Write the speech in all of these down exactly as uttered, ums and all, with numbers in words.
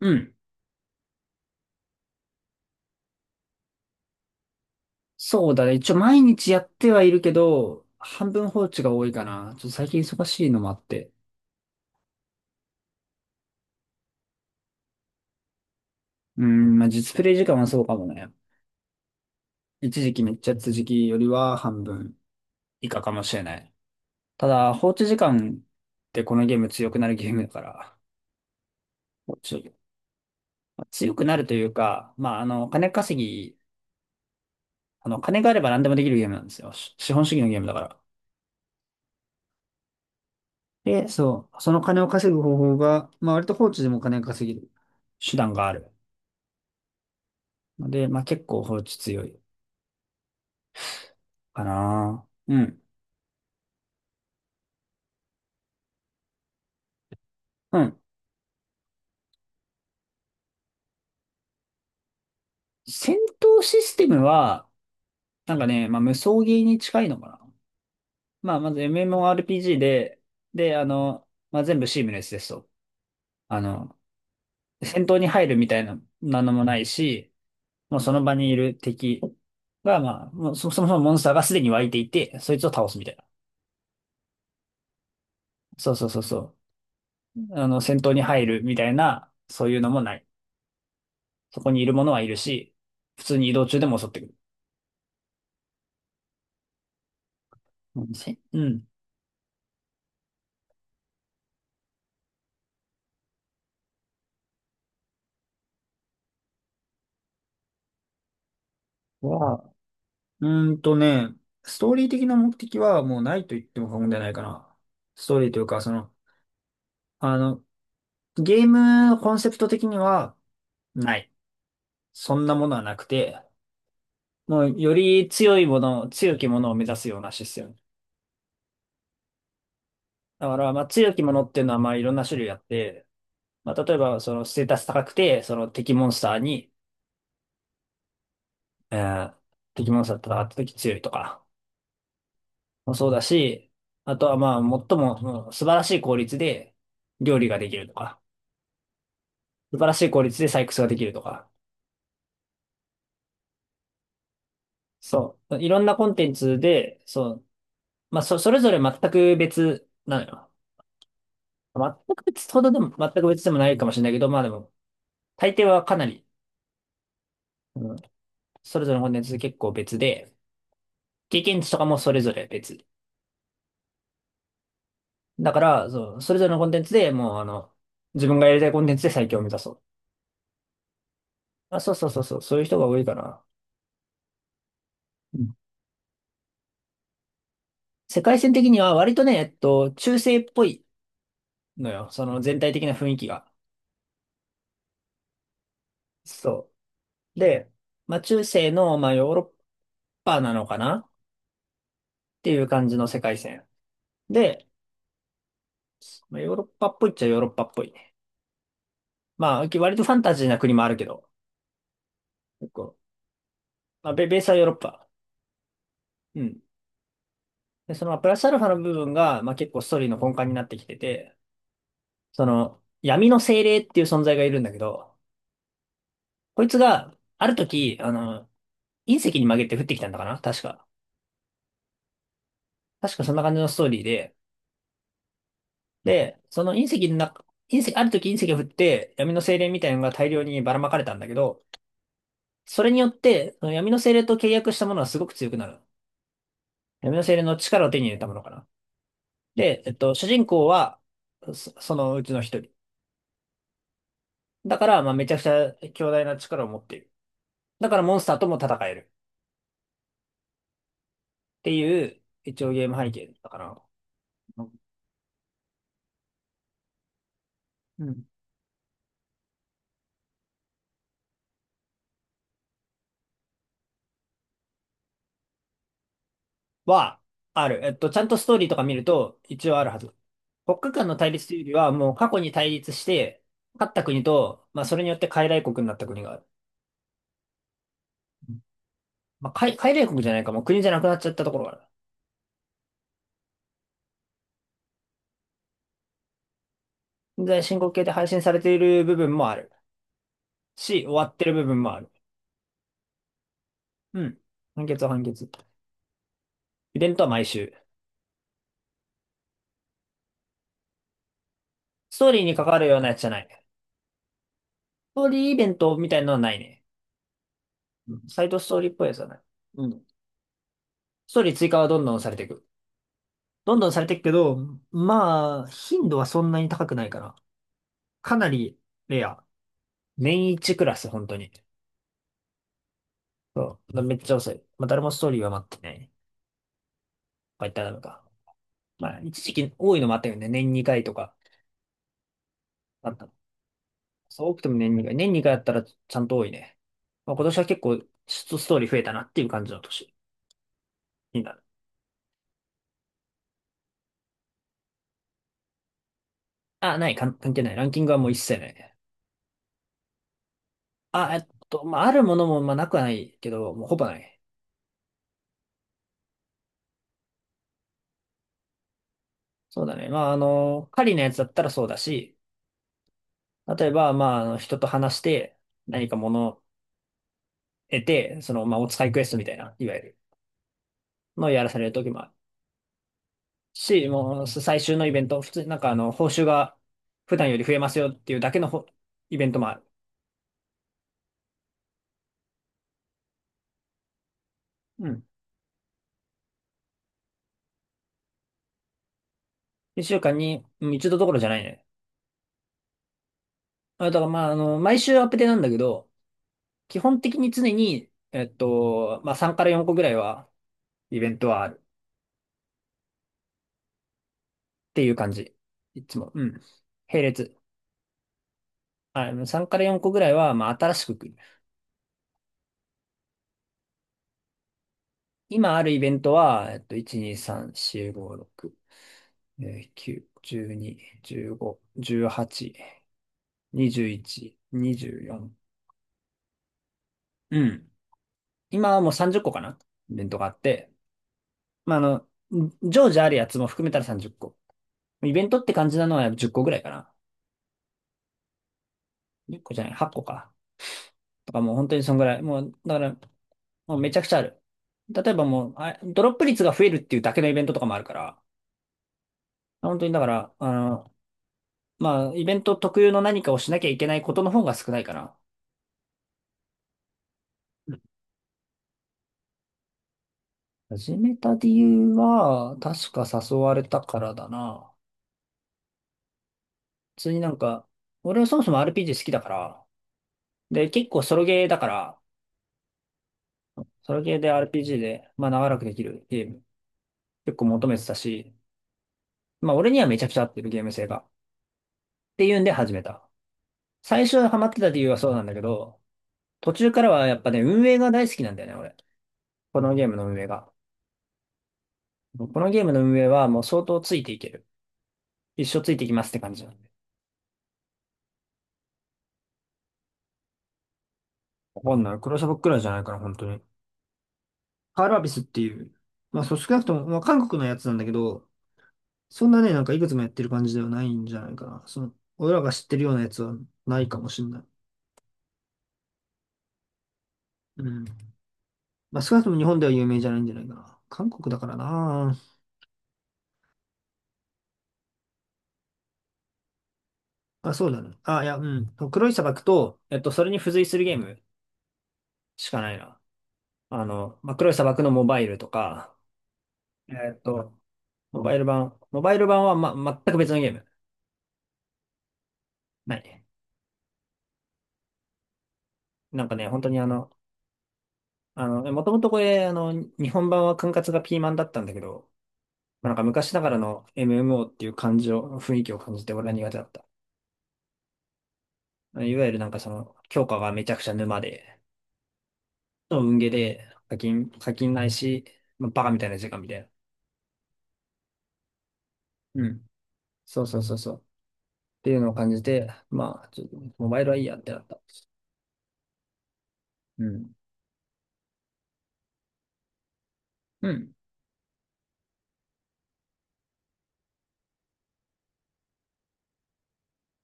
うん。そうだね。一応毎日やってはいるけど、半分放置が多いかな。ちょっと最近忙しいのもあって。うん、まあ実プレイ時間はそうかもね。一時期めっちゃやってた時期よりは半分以下かもしれない。ただ、放置時間ってこのゲーム強くなるゲームだから、放置、まあ強くなるというか、まああの、金稼ぎ、あの、金があれば何でもできるゲームなんですよ。し資本主義のゲームだから。で、そう、その金を稼ぐ方法が、まあ割と放置でも金が稼げる手段がある。ので、まあ結構放置強いかな。うん。うん。戦闘システムは、なんかね、まあ無双ゲーに近いのかな。まあまず エムエムオーアールピージー で、で、あの、まあ全部シームレスですと。あの、戦闘に入るみたいな、なんのもないし、もうその場にいる敵が、まあ、もうそそもそもモンスターがすでに湧いていて、そいつを倒すみたいな。そうそうそうそう。あの、戦闘に入るみたいな、そういうのもない。そこにいるものはいるし、普通に移動中でも襲ってくる。話うん。は、うーんとね、ストーリー的な目的はもうないと言っても過言ではないかな。ストーリーというか、その、あの、ゲームコンセプト的にはない。そんなものはなくて、もうより強いもの、強きものを目指すようなシステム。だから、まあ強きものっていうのはまあいろんな種類あって、まあ例えばそのステータス高くて、その敵モンスターに、えー敵モンスターと戦った時強いとか。もそうだし、あとはまあ、最もその素晴らしい効率で料理ができるとか、素晴らしい効率で採掘ができるとか、そう、いろんなコンテンツで、そう、まあ、そ、それぞれ全く別なのよ。全く別ほどでも、全く別でもないかもしれないけど、まあでも、大抵はかなり、うん、それぞれのコンテンツ結構別で、経験値とかもそれぞれ別。だから、そう、それぞれのコンテンツでもう、あの、自分がやりたいコンテンツで最強を目指そう。あ、そうそうそうそう、そういう人が多いかな。世界線的には割とね、えっと、中世っぽいのよ。その全体的な雰囲気が。そう。で、まあ中世の、まあヨーロッパなのかなっていう感じの世界線。で、まあ、ヨーロッパっぽいっちゃヨーロッパっぽいね。まあ割とファンタジーな国もあるけど、結構、まあベ、ベースはヨーロッパ。うん。で、そのプラスアルファの部分が、まあ結構ストーリーの根幹になってきてて、その闇の精霊っていう存在がいるんだけど、こいつがある時、あの、隕石に曲げて降ってきたんだかな確か。確かそんな感じのストーリーで、で、その隕石の中、隕石、ある時隕石が降って闇の精霊みたいなのが大量にばらまかれたんだけど、それによって、その闇の精霊と契約したものはすごく強くなる。闇の精霊の力を手に入れたものかな。で、えっと、主人公は、そ、そのうちの一人。だから、まあ、めちゃくちゃ強大な力を持っている。だからモンスターとも戦える。っていう、一応ゲーム背景だったかな。うん。は、ある。えっと、ちゃんとストーリーとか見ると、一応あるはず。国家間の対立というよりは、もう過去に対立して、勝った国と、まあそれによって傀儡国になった国がある。うん。まあ、傀傀儡国じゃないか、もう国じゃなくなっちゃったところがある。現在進行形で配信されている部分もある。し、終わってる部分もある。うん。判決は判決。イベントは毎週。ストーリーに関わるようなやつじゃない。ストーリーイベントみたいなのはないね。うん。サイドストーリーっぽいやつはない。うん。ストーリー追加はどんどんされていく。どんどんされていくけど、まあ、頻度はそんなに高くないかな。かなりレア。年一クラス、本当に。そう。めっちゃ遅い。まあ、誰もストーリーは待ってない。まあ、言ったらダメか。まあ、一時期多いのもあったよね。年にかいとかあったの。そう、多くても年にかい。年にかいあったらちゃんと多いね。まあ、今年は結構、ストーリー増えたなっていう感じの年になる。あ、ない、かん関係ない。ランキングはもう一切ないね。あ、えっと、まあ、あるものも、まあ、なくはないけど、もうほぼない。そうだね。まあ、あの、狩りのやつだったらそうだし、例えば、まあ、あの、人と話して、何か物を得て、その、まあ、お使いクエストみたいな、いわゆる。のやらされる時もあるし、もう最終のイベント、普通になんかあの、報酬が普段より増えますよっていうだけのほイベントもある。うん。一週間にうん一度どころじゃないね。あ、だからまあ、あの、毎週アップデなんだけど、基本的に常に、えっと、まあさんからよんこぐらいはイベントはあるっていう感じ。いつも。うん。並列。あ、さんからよんこぐらいは、まあ新しく来る。今あるイベントは、えっと、いち、に、さん、よん、ご、ろく、えーきゅう、じゅうに、じゅうご、じゅうはち、にじゅういち、にじゅうよん。うん。今はもうさんじゅっこかなイベントがあって。まあ、あの、常時あるやつも含めたらさんじゅっこ。イベントって感じなのはじゅっこぐらいかな。いっこじゃない、はっこか。とかもう本当にそんぐらい。もう、だから、もうめちゃくちゃある。例えばもう、あ、ドロップ率が増えるっていうだけのイベントとかもあるから、本当にだから、あの、まあ、イベント特有の何かをしなきゃいけないことの方が少ないかな。うん。始めた理由は、確か誘われたからだな。普通になんか、俺はそもそも アールピージー 好きだから、で、結構ソロゲーだから、ソロゲーで アールピージー で、まあ長らくできるゲーム、結構求めてたし、まあ俺にはめちゃくちゃ合ってるゲーム性が。っていうんで始めた。最初ハマってた理由はそうなんだけど、途中からはやっぱね、運営が大好きなんだよね、俺。このゲームの運営が。このゲームの運営はもう相当ついていける。一生ついていきますって感じなんで。わかんない。黒シャブくらいじゃないかな、本当に。カールアビスっていう、まあそう少なくとも、まあ韓国のやつなんだけど、そんなね、なんかいくつもやってる感じではないんじゃないかな。その、俺らが知ってるようなやつはないかもしんない。うん。まあ、少なくとも日本では有名じゃないんじゃないかな。韓国だからな。あ、そうだね。あ、いや、うん。黒い砂漠と、えっと、それに付随するゲームしかないな。あの、まあ、黒い砂漠のモバイルとか、えっと、モバイル版、モバイル版は、ま、全く別のゲーム。ない。なんかね、本当にあの、あの、もともとこれ、あの、日本版は管轄がピーマンだったんだけど、まあ、なんか昔ながらの エムエムオー っていう感じを、雰囲気を感じて俺は苦手だった。いわゆるなんかその、強化がめちゃくちゃ沼で、運ゲーで課金、課金ないし、まあ、バカみたいな時間みたいな。うん。そうそうそうそう。っていうのを感じて、まあ、ちょっとモバイルはいいやってなった。うん。うん。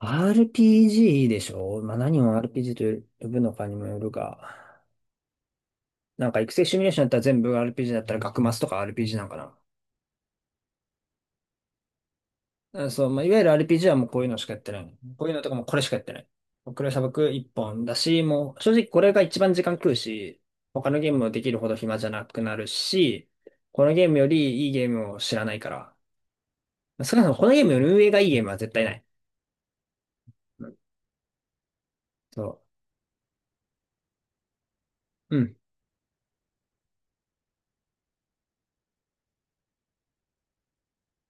アールピージー でしょ。まあ何を アールピージー と呼ぶのかにもよるが、なんか育成シミュレーションだったら全部 アールピージー だったら学マスとか アールピージー なんかな。うん、そう、まあ、いわゆる アールピージー はもうこういうのしかやってない。こういうのとかもこれしかやってない。クレサブク一本だし、もう正直これが一番時間食うし、他のゲームもできるほど暇じゃなくなるし、このゲームよりいいゲームを知らないから。少なくともこのゲームより運営がいいゲームは絶対ない。うん、そう。うん。